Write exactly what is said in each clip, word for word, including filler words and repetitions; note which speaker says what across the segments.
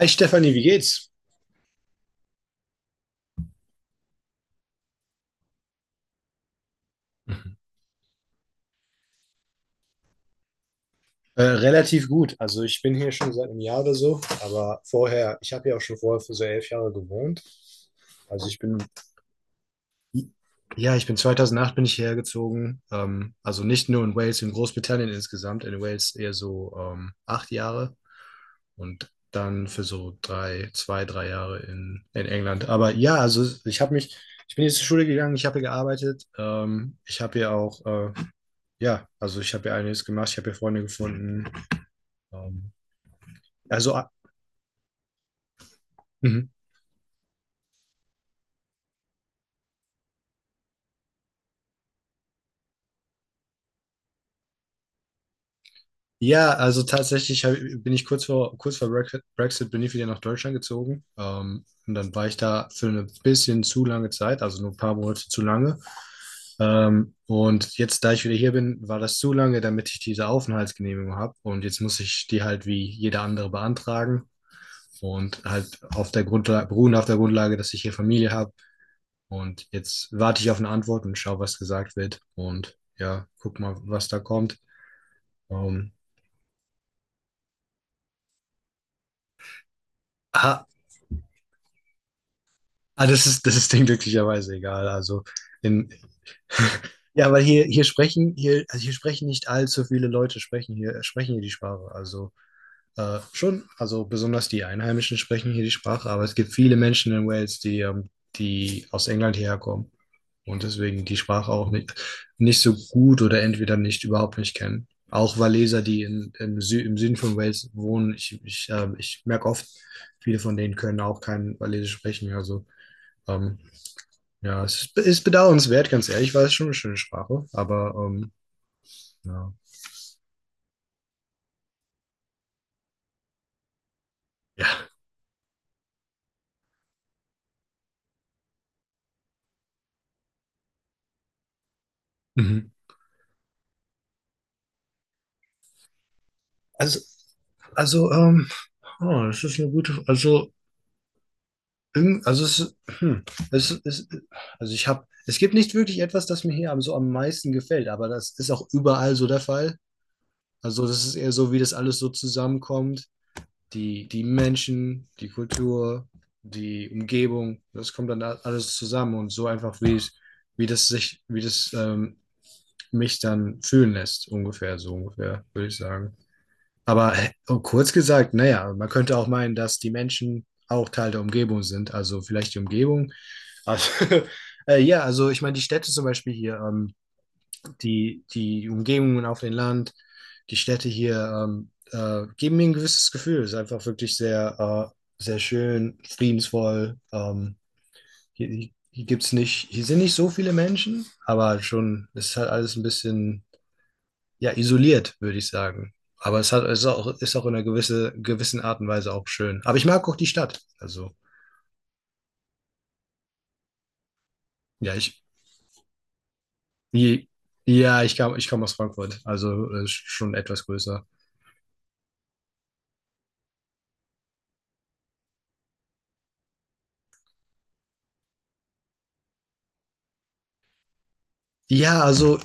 Speaker 1: Hi Stefanie, wie geht's? Äh, relativ gut. Also ich bin hier schon seit einem Jahr oder so, aber vorher, ich habe ja auch schon vorher für so elf Jahre gewohnt. Also ich bin, ja, ich bin zweitausendacht bin ich hierher gezogen. Ähm, also nicht nur in Wales, in Großbritannien insgesamt. In Wales eher so ähm, acht Jahre und dann für so drei, zwei, drei Jahre in, in England. Aber ja, also ich habe mich, ich bin jetzt zur Schule gegangen, ich habe hier gearbeitet. Ähm, ich habe hier auch, äh, ja, also ich habe hier einiges gemacht. Ich habe hier Freunde gefunden. Ähm, Also, ah, mhm. Ja, also tatsächlich hab, bin ich kurz vor, kurz vor Brexit, Brexit bin ich wieder nach Deutschland gezogen. Ähm, und dann war ich da für eine bisschen zu lange Zeit, also nur ein paar Monate zu lange. Ähm, und jetzt, da ich wieder hier bin, war das zu lange, damit ich diese Aufenthaltsgenehmigung habe. Und jetzt muss ich die halt wie jeder andere beantragen. Und halt auf der Grundlage, beruhen auf der Grundlage, dass ich hier Familie habe. Und jetzt warte ich auf eine Antwort und schaue, was gesagt wird. Und ja, guck mal, was da kommt. Ähm, ah, ah, das ist, das ist denen glücklicherweise egal. Also in, ja, weil hier, hier sprechen, hier, also hier sprechen nicht allzu viele Leute sprechen hier, sprechen hier die Sprache. Also äh, schon, also besonders die Einheimischen sprechen hier die Sprache, aber es gibt viele Menschen in Wales, die, ähm, die aus England hierher kommen. Und deswegen die Sprache auch nicht, nicht so gut oder entweder nicht überhaupt nicht kennen. Auch Waliser, die in, im, Sü im Süden von Wales wohnen, ich, ich, äh, ich merke oft, viele von denen können auch kein Walisisch sprechen. Also ähm, ja, es ist, ist bedauernswert, ganz ehrlich, weil es schon eine schöne Sprache, aber ähm, ja. Ja. Mhm. Also, also ähm, oh, das ist eine gute, also Irgend- Also es, hm, es, es, also ich habe, es gibt nicht wirklich etwas, das mir hier am, so am meisten gefällt, aber das ist auch überall so der Fall. Also das ist eher so, wie das alles so zusammenkommt. Die, die Menschen, die Kultur, die Umgebung, das kommt dann a- alles zusammen und so einfach, wie es, wie das sich, wie das ähm, mich dann fühlen lässt, ungefähr, so ungefähr, würde ich sagen. Aber äh, und kurz gesagt, naja, man könnte auch meinen, dass die Menschen auch Teil der Umgebung sind. Also vielleicht die Umgebung. Also, äh, ja, also ich meine, die Städte zum Beispiel hier, ähm, die, die Umgebungen auf dem Land, die Städte hier ähm, äh, geben mir ein gewisses Gefühl. Es ist einfach wirklich sehr, äh, sehr schön, friedensvoll. Ähm, hier hier gibt's nicht, hier sind nicht so viele Menschen, aber schon, es ist halt alles ein bisschen ja, isoliert, würde ich sagen. Aber es hat, es ist auch, ist auch in einer gewisse, gewissen Art und Weise auch schön. Aber ich mag auch die Stadt. Also, ja, ich, je- ja, ich kam, ich komme aus Frankfurt, also äh, schon etwas größer. Ja, also,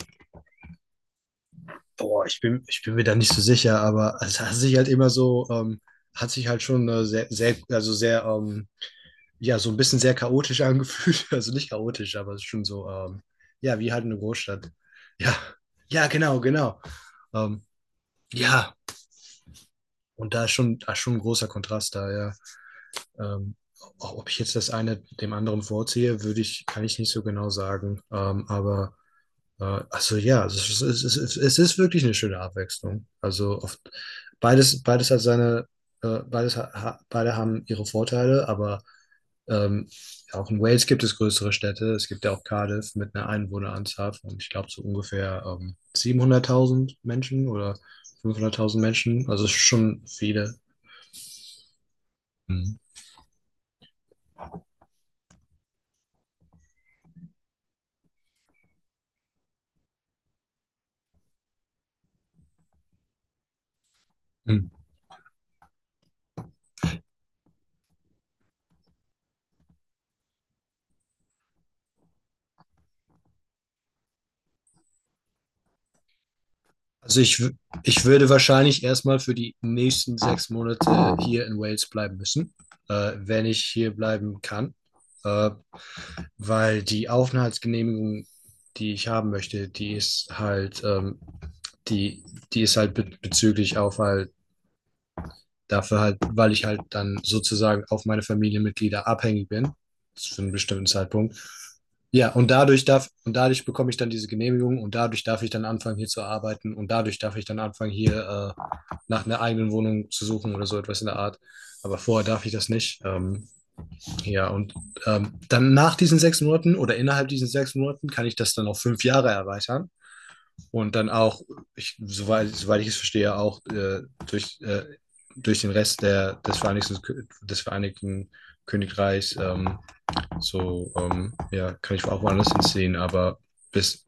Speaker 1: boah, ich bin, ich bin mir da nicht so sicher, aber es hat sich halt immer so, ähm, hat sich halt schon äh, sehr, sehr, also sehr, ähm, ja, so ein bisschen sehr chaotisch angefühlt. Also nicht chaotisch, aber es ist schon so, ähm, ja, wie halt eine Großstadt. Ja, ja, genau, genau. Ähm, ja. Und da ist schon, da ist schon ein großer Kontrast da, ja. Ähm, Auch ob ich jetzt das eine dem anderen vorziehe, würde ich, kann ich nicht so genau sagen. Ähm, aber äh, also ja, es ist, es ist, es ist wirklich eine schöne Abwechslung. Also oft, beides, beides hat seine, äh, beides ha, ha- beide haben ihre Vorteile, aber ähm, auch in Wales gibt es größere Städte. Es gibt ja auch Cardiff mit einer Einwohneranzahl von, ich glaube, so ungefähr ähm, siebenhunderttausend Menschen oder fünfhunderttausend Menschen. Also es ist schon viele. Hm. Also ich, w- Ich würde wahrscheinlich erstmal für die nächsten sechs Monate hier in Wales bleiben müssen, äh, wenn ich hier bleiben kann, äh, weil die Aufenthaltsgenehmigung, die ich haben möchte, die ist halt, ähm, die, die ist halt be bezüglich Aufhalt dafür halt, weil ich halt dann sozusagen auf meine Familienmitglieder abhängig bin, für einen bestimmten Zeitpunkt. Ja, und dadurch darf, und dadurch bekomme ich dann diese Genehmigung und dadurch darf ich dann anfangen, hier zu arbeiten und dadurch darf ich dann anfangen, hier äh, nach einer eigenen Wohnung zu suchen oder so etwas in der Art. Aber vorher darf ich das nicht. Ähm, ja, und ähm, dann nach diesen sechs Monaten oder innerhalb diesen sechs Monaten kann ich das dann auf fünf Jahre erweitern und dann auch, ich, soweit, soweit ich es verstehe, auch äh, durch, äh, durch den Rest der, des, Vereinigten, des Vereinigten Königreichs ähm, so, ähm, ja, kann ich auch woanders hinziehen, aber bis,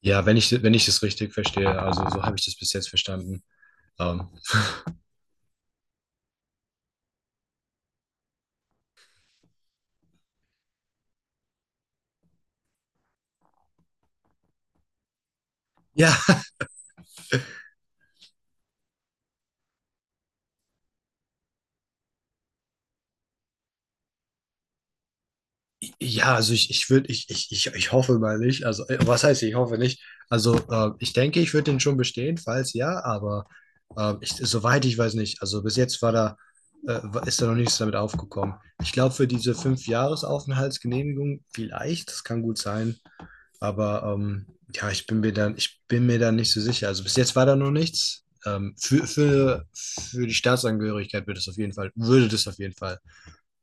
Speaker 1: ja, wenn ich, wenn ich das richtig verstehe, also so habe ich das bis jetzt verstanden. Ähm, ja. Ja, also ich, ich würde, ich, ich, ich, ich hoffe mal nicht. Also, äh, was heißt, ich hoffe nicht? Also, äh, ich denke, ich würde den schon bestehen, falls ja, aber äh, ich, soweit ich weiß nicht. Also, bis jetzt war da, äh, war- ist da noch nichts damit aufgekommen. Ich glaube, für diese Fünf-Jahres-Aufenthaltsgenehmigung vielleicht, das kann gut sein. Aber ähm, ja, ich bin mir dann, ich bin mir da nicht so sicher. Also bis jetzt war da noch nichts. Ähm, für, für, für die Staatsangehörigkeit wird es auf jeden Fall, würde das auf jeden Fall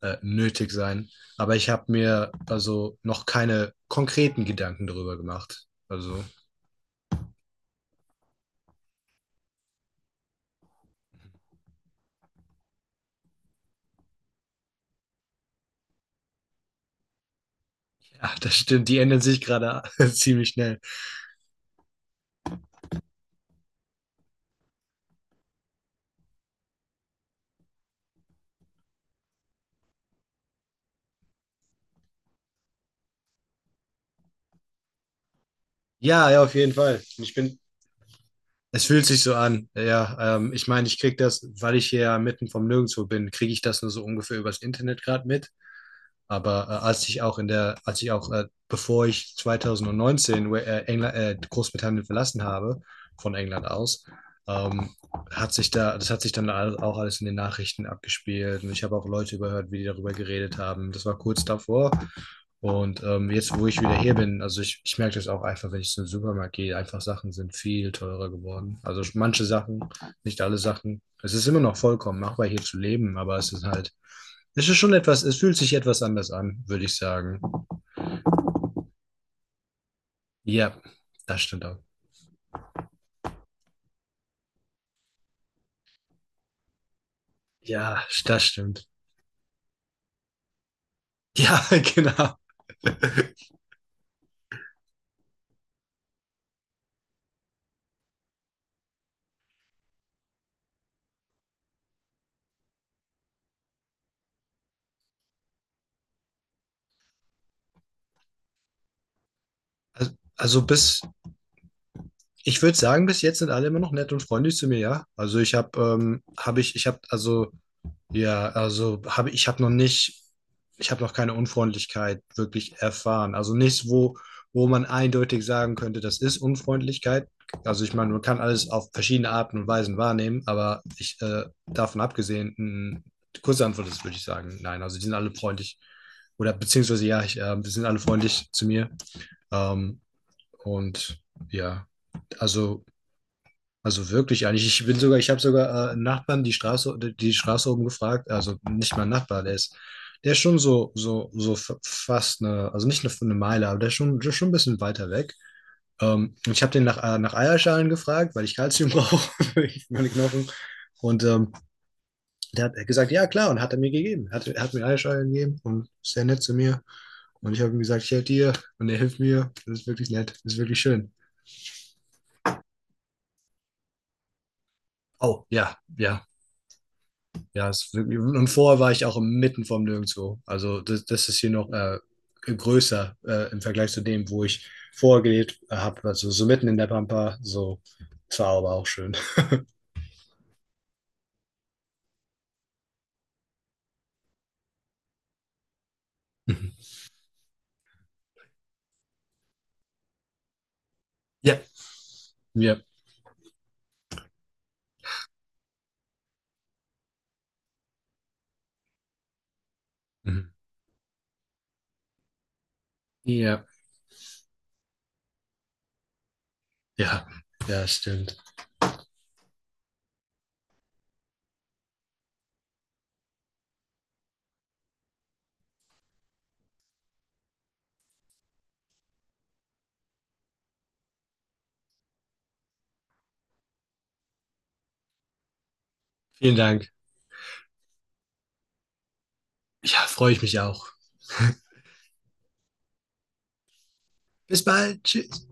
Speaker 1: äh, nötig sein. Aber ich habe mir also noch keine konkreten Gedanken darüber gemacht. Also, ja, das stimmt, die ändern sich gerade ziemlich schnell. Ja, ja, auf jeden Fall. Ich bin, es fühlt sich so an. Ja, ähm, ich meine, ich kriege das, weil ich hier ja mitten vom Nirgendwo bin, kriege ich das nur so ungefähr übers Internet gerade mit. Aber äh, als ich auch in der, als ich auch, äh, bevor ich zwanzig neunzehn äh, England, äh, Großbritannien verlassen habe, von England aus, ähm, hat sich da, das hat sich dann all- auch alles in den Nachrichten abgespielt. Und ich habe auch Leute überhört, wie die darüber geredet haben. Das war kurz davor. Und ähm, jetzt, wo ich wieder hier bin, also ich, ich merke das auch einfach, wenn ich zum Supermarkt gehe, einfach Sachen sind viel teurer geworden. Also manche Sachen, nicht alle Sachen. Es ist immer noch vollkommen machbar, hier zu leben, aber es ist halt es ist schon etwas, es fühlt sich etwas anders an, würde ich sagen. Ja, das stimmt auch. Ja, das stimmt. Ja, genau. Also, also bis, ich würde sagen, bis jetzt sind alle immer noch nett und freundlich zu mir, ja. Also ich habe, ähm, habe ich, ich habe, also Ja, also habe ich habe noch nicht, ich habe noch keine Unfreundlichkeit wirklich erfahren. Also nichts, wo, wo man eindeutig sagen könnte, das ist Unfreundlichkeit. Also ich meine, man kann alles auf verschiedene Arten und Weisen wahrnehmen, aber ich äh, davon abgesehen, mh, die kurze Antwort ist, würde ich sagen, nein. Also die sind alle freundlich oder beziehungsweise ja, ich, äh, die sind alle freundlich zu mir. Ähm, und ja, also also wirklich eigentlich. Ich bin sogar, ich habe sogar äh, einen Nachbarn die Straße, die Straße oben gefragt, also nicht mein Nachbar, der ist, der ist schon so, so, so f- fast eine, also nicht eine, eine Meile, aber der ist schon, schon ein bisschen weiter weg. Ähm, ich habe den nach, äh, nach Eierschalen gefragt, weil ich Kalzium brauche für meine Knochen. Und ähm, der hat gesagt, ja klar, und hat er mir gegeben. Hat, hat mir Eierschalen gegeben und ist sehr nett zu mir. Und ich habe ihm gesagt, ich helfe dir und er hilft mir. Das ist wirklich nett, das ist wirklich schön. Oh, ja, ja, ja, es, und vorher war ich auch mitten vom Nirgendwo. Also das, das ist hier noch äh, größer äh, im Vergleich zu dem, wo ich vorher gelebt habe. Also so mitten in der Pampa. So, das war aber auch schön. Mhm. Ja. Ja, Mhm. Ja, ja, ja, stimmt. Vielen Dank. Ja, freue ich mich auch. Bis bald. Tschüss.